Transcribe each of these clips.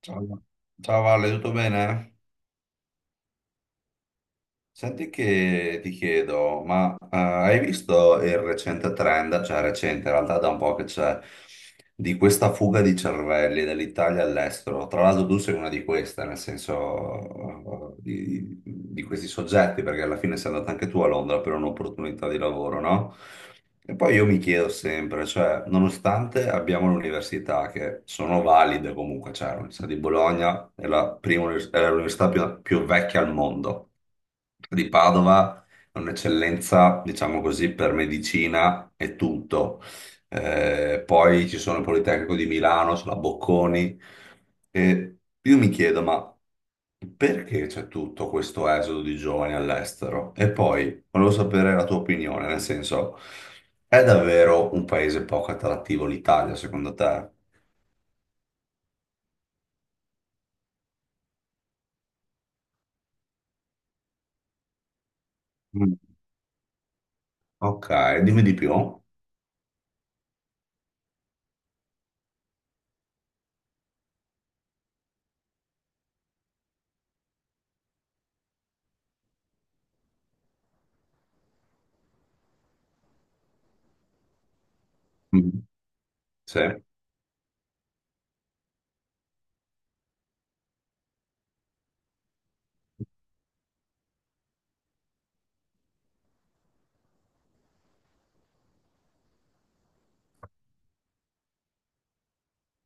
Ciao, Ciao Valle, tutto bene? Senti che ti chiedo, ma hai visto il recente trend, cioè recente, in realtà da un po' che c'è, di questa fuga di cervelli dall'Italia all'estero? Tra l'altro tu sei una di queste, nel senso di questi soggetti, perché alla fine sei andata anche tu a Londra per un'opportunità di lavoro, no? E poi io mi chiedo sempre, cioè, nonostante abbiamo le università che sono valide comunque, cioè l'Università di Bologna è è l'università più vecchia al mondo, di Padova è un'eccellenza, diciamo così, per medicina e tutto. Poi ci sono il Politecnico di Milano, c'è la Bocconi. E io mi chiedo, ma perché c'è tutto questo esodo di giovani all'estero? E poi volevo sapere la tua opinione, nel senso, è davvero un paese poco attrattivo l'Italia, secondo te? Mm. Ok, dimmi di più. Mhm. Sì.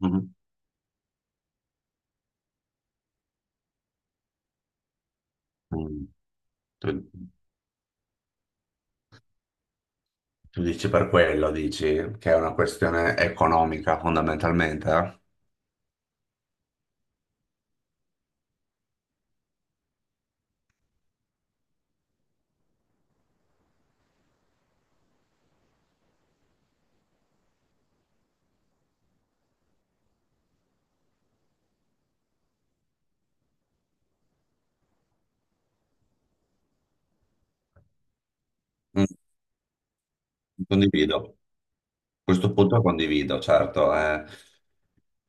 Mhm. Mm. Tu, tu dici per quello, dici che è una questione economica fondamentalmente, eh? Mm. Condivido. Questo punto condivido, certo.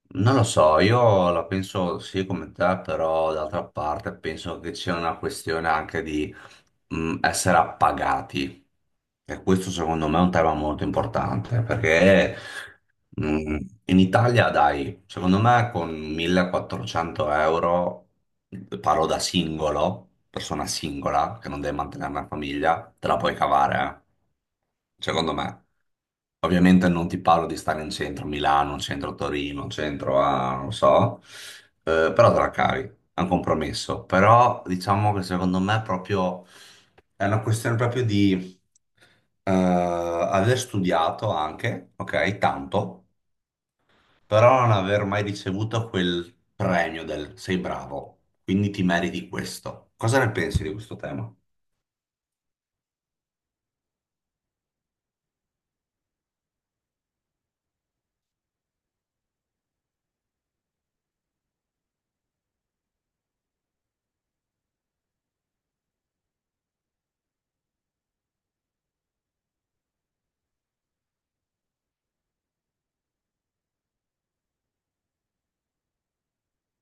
Non lo so, io la penso sì come te, però d'altra parte penso che c'è una questione anche di essere appagati. E questo secondo me è un tema molto importante, perché mh, in Italia, dai, secondo me con 1400 euro, parlo da singolo, persona singola, che non deve mantenere una famiglia, te la puoi cavare, eh. Secondo me. Ovviamente non ti parlo di stare in centro a Milano, in centro a Torino, in centro a, non so, però te la cavi, è un compromesso. Però diciamo che secondo me è proprio, è una questione proprio di aver studiato anche, ok, tanto, però non aver mai ricevuto quel premio del sei bravo, quindi ti meriti questo. Cosa ne pensi di questo tema?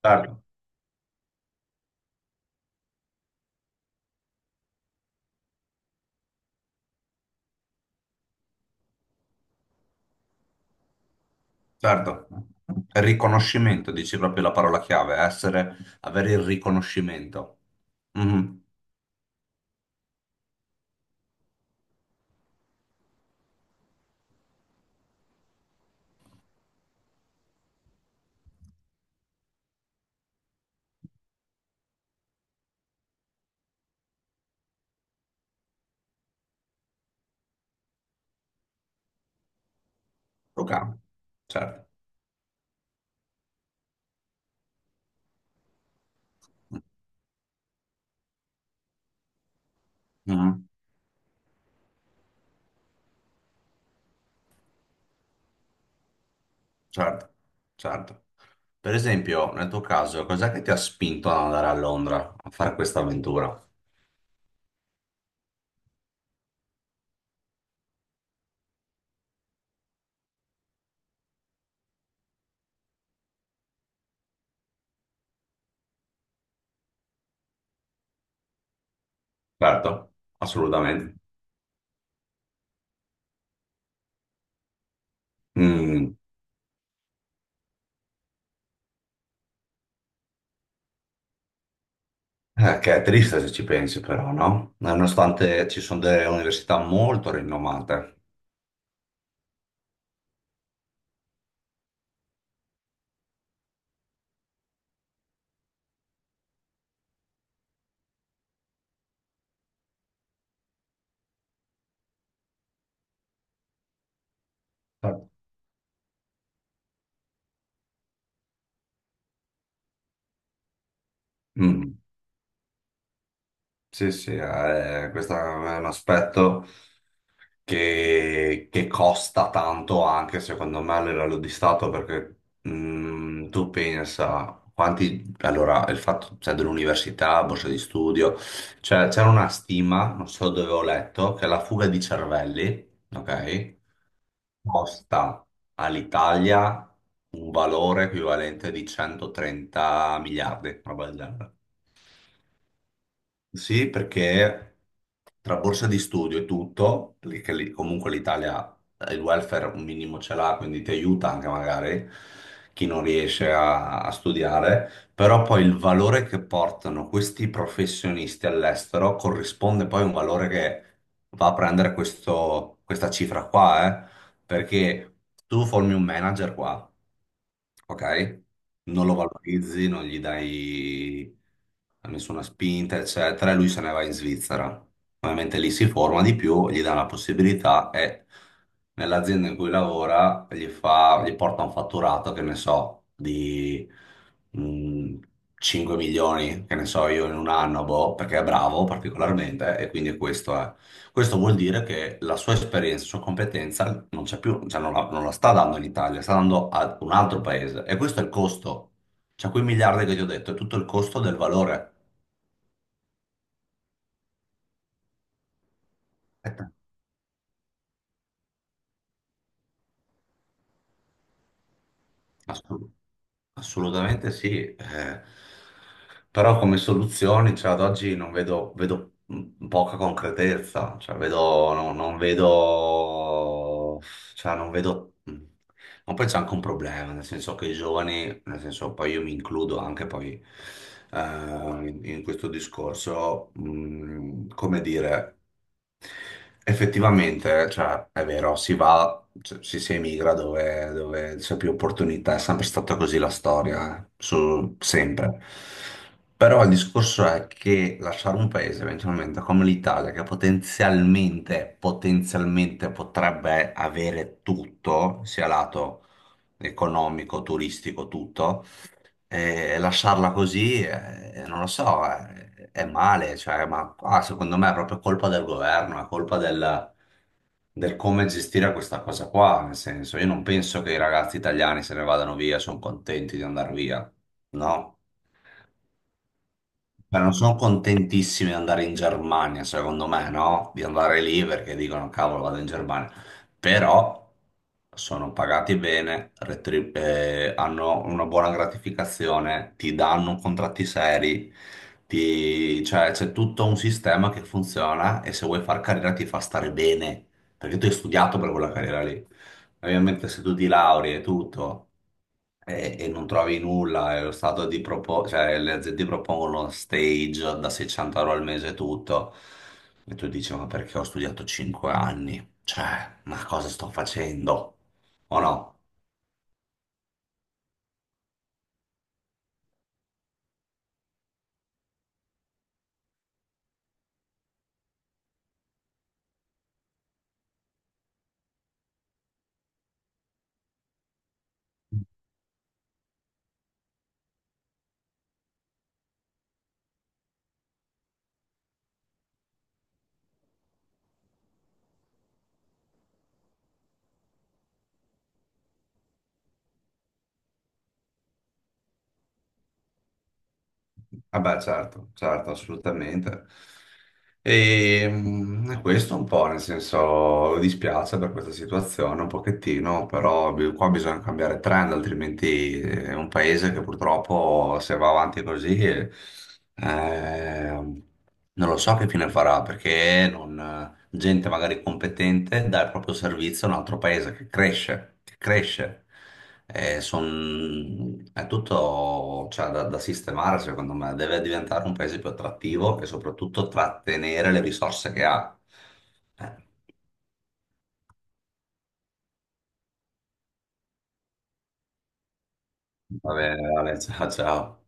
Certo. Certo, riconoscimento, dici proprio la parola chiave, essere, avere il riconoscimento. Mhm. Ok, certo. Mhm. Certo, certo. Per esempio, nel tuo caso, cos'è che ti ha spinto ad andare a Londra a fare questa avventura? Certo, assolutamente. Mm, che è triste se ci pensi, però, no? Nonostante ci sono delle università molto rinomate. Certo. Mm, sì, sì, questo è un aspetto. Che costa tanto anche secondo me a livello di Stato perché tu pensa quanti, allora il fatto cioè, dell'università, borsa di studio, cioè c'era una stima, non so dove ho letto, che la fuga di cervelli, ok, costa all'Italia un valore equivalente di 130 miliardi, una roba del genere. Sì, perché tra borsa di studio e tutto, comunque l'Italia, il welfare un minimo ce l'ha, quindi ti aiuta anche magari chi non riesce a studiare, però poi il valore che portano questi professionisti all'estero corrisponde poi a un valore che va a prendere questa cifra qua, eh. Perché tu formi un manager qua, ok? Non lo valorizzi, non gli dai nessuna spinta, eccetera, e lui se ne va in Svizzera. Ovviamente lì si forma di più, gli dà la possibilità e nell'azienda in cui lavora gli fa, gli porta un fatturato, che ne so, di mh, 5 milioni, che ne so io, in un anno, boh, perché è bravo particolarmente e quindi questo vuol dire che la sua esperienza, la sua competenza non c'è più, cioè non la sta dando in Italia, sta dando a un altro paese. E questo è il costo. Cioè, quei miliardi che ti ho detto, è tutto il costo del valore. Aspetta. Assurdo. Assolutamente sì, però come soluzioni, cioè, ad oggi non vedo, vedo poca concretezza, cioè, vedo, non vedo, cioè, non vedo, ma poi c'è anche un problema, nel senso che i giovani, nel senso poi io mi includo anche poi in, in questo discorso, come dire. Effettivamente, cioè, è vero, si va, cioè, si emigra dove, dove c'è più opportunità, è sempre stata così la storia, sempre. Però il discorso è che lasciare un paese eventualmente come l'Italia, che potenzialmente, potenzialmente potrebbe avere tutto, sia lato economico, turistico, tutto, e lasciarla così, non lo so, è, male, cioè, ma qua secondo me è proprio colpa del governo, è colpa del come gestire questa cosa qua, nel senso, io non penso che i ragazzi italiani se ne vadano via, sono contenti di andare via, no? Beh, non sono contentissimi di andare in Germania, secondo me, no? Di andare lì perché dicono, cavolo, vado in Germania. Però sono pagati bene, hanno una buona gratificazione, ti danno contratti seri, cioè c'è tutto un sistema che funziona e se vuoi far carriera ti fa stare bene, perché tu hai studiato per quella carriera lì. Ovviamente se tu ti lauri e tutto e non trovi nulla, è lo stato di propo- cioè, le aziende propongono stage da 600 euro al mese e tutto, e tu dici, ma perché ho studiato 5 anni? Cioè, ma cosa sto facendo? O no? Ah beh, certo, certo, assolutamente. E è questo un po', nel senso, mi dispiace per questa situazione un pochettino, però qua bisogna cambiare trend, altrimenti è un paese che purtroppo se va avanti così, non lo so che fine farà, perché non, gente magari competente dà il proprio servizio a un altro paese che cresce, che cresce. È tutto, cioè, da sistemare, secondo me. Deve diventare un paese più attrattivo e soprattutto trattenere le risorse che ha. Eh, Va bene, Ale, ciao, ciao.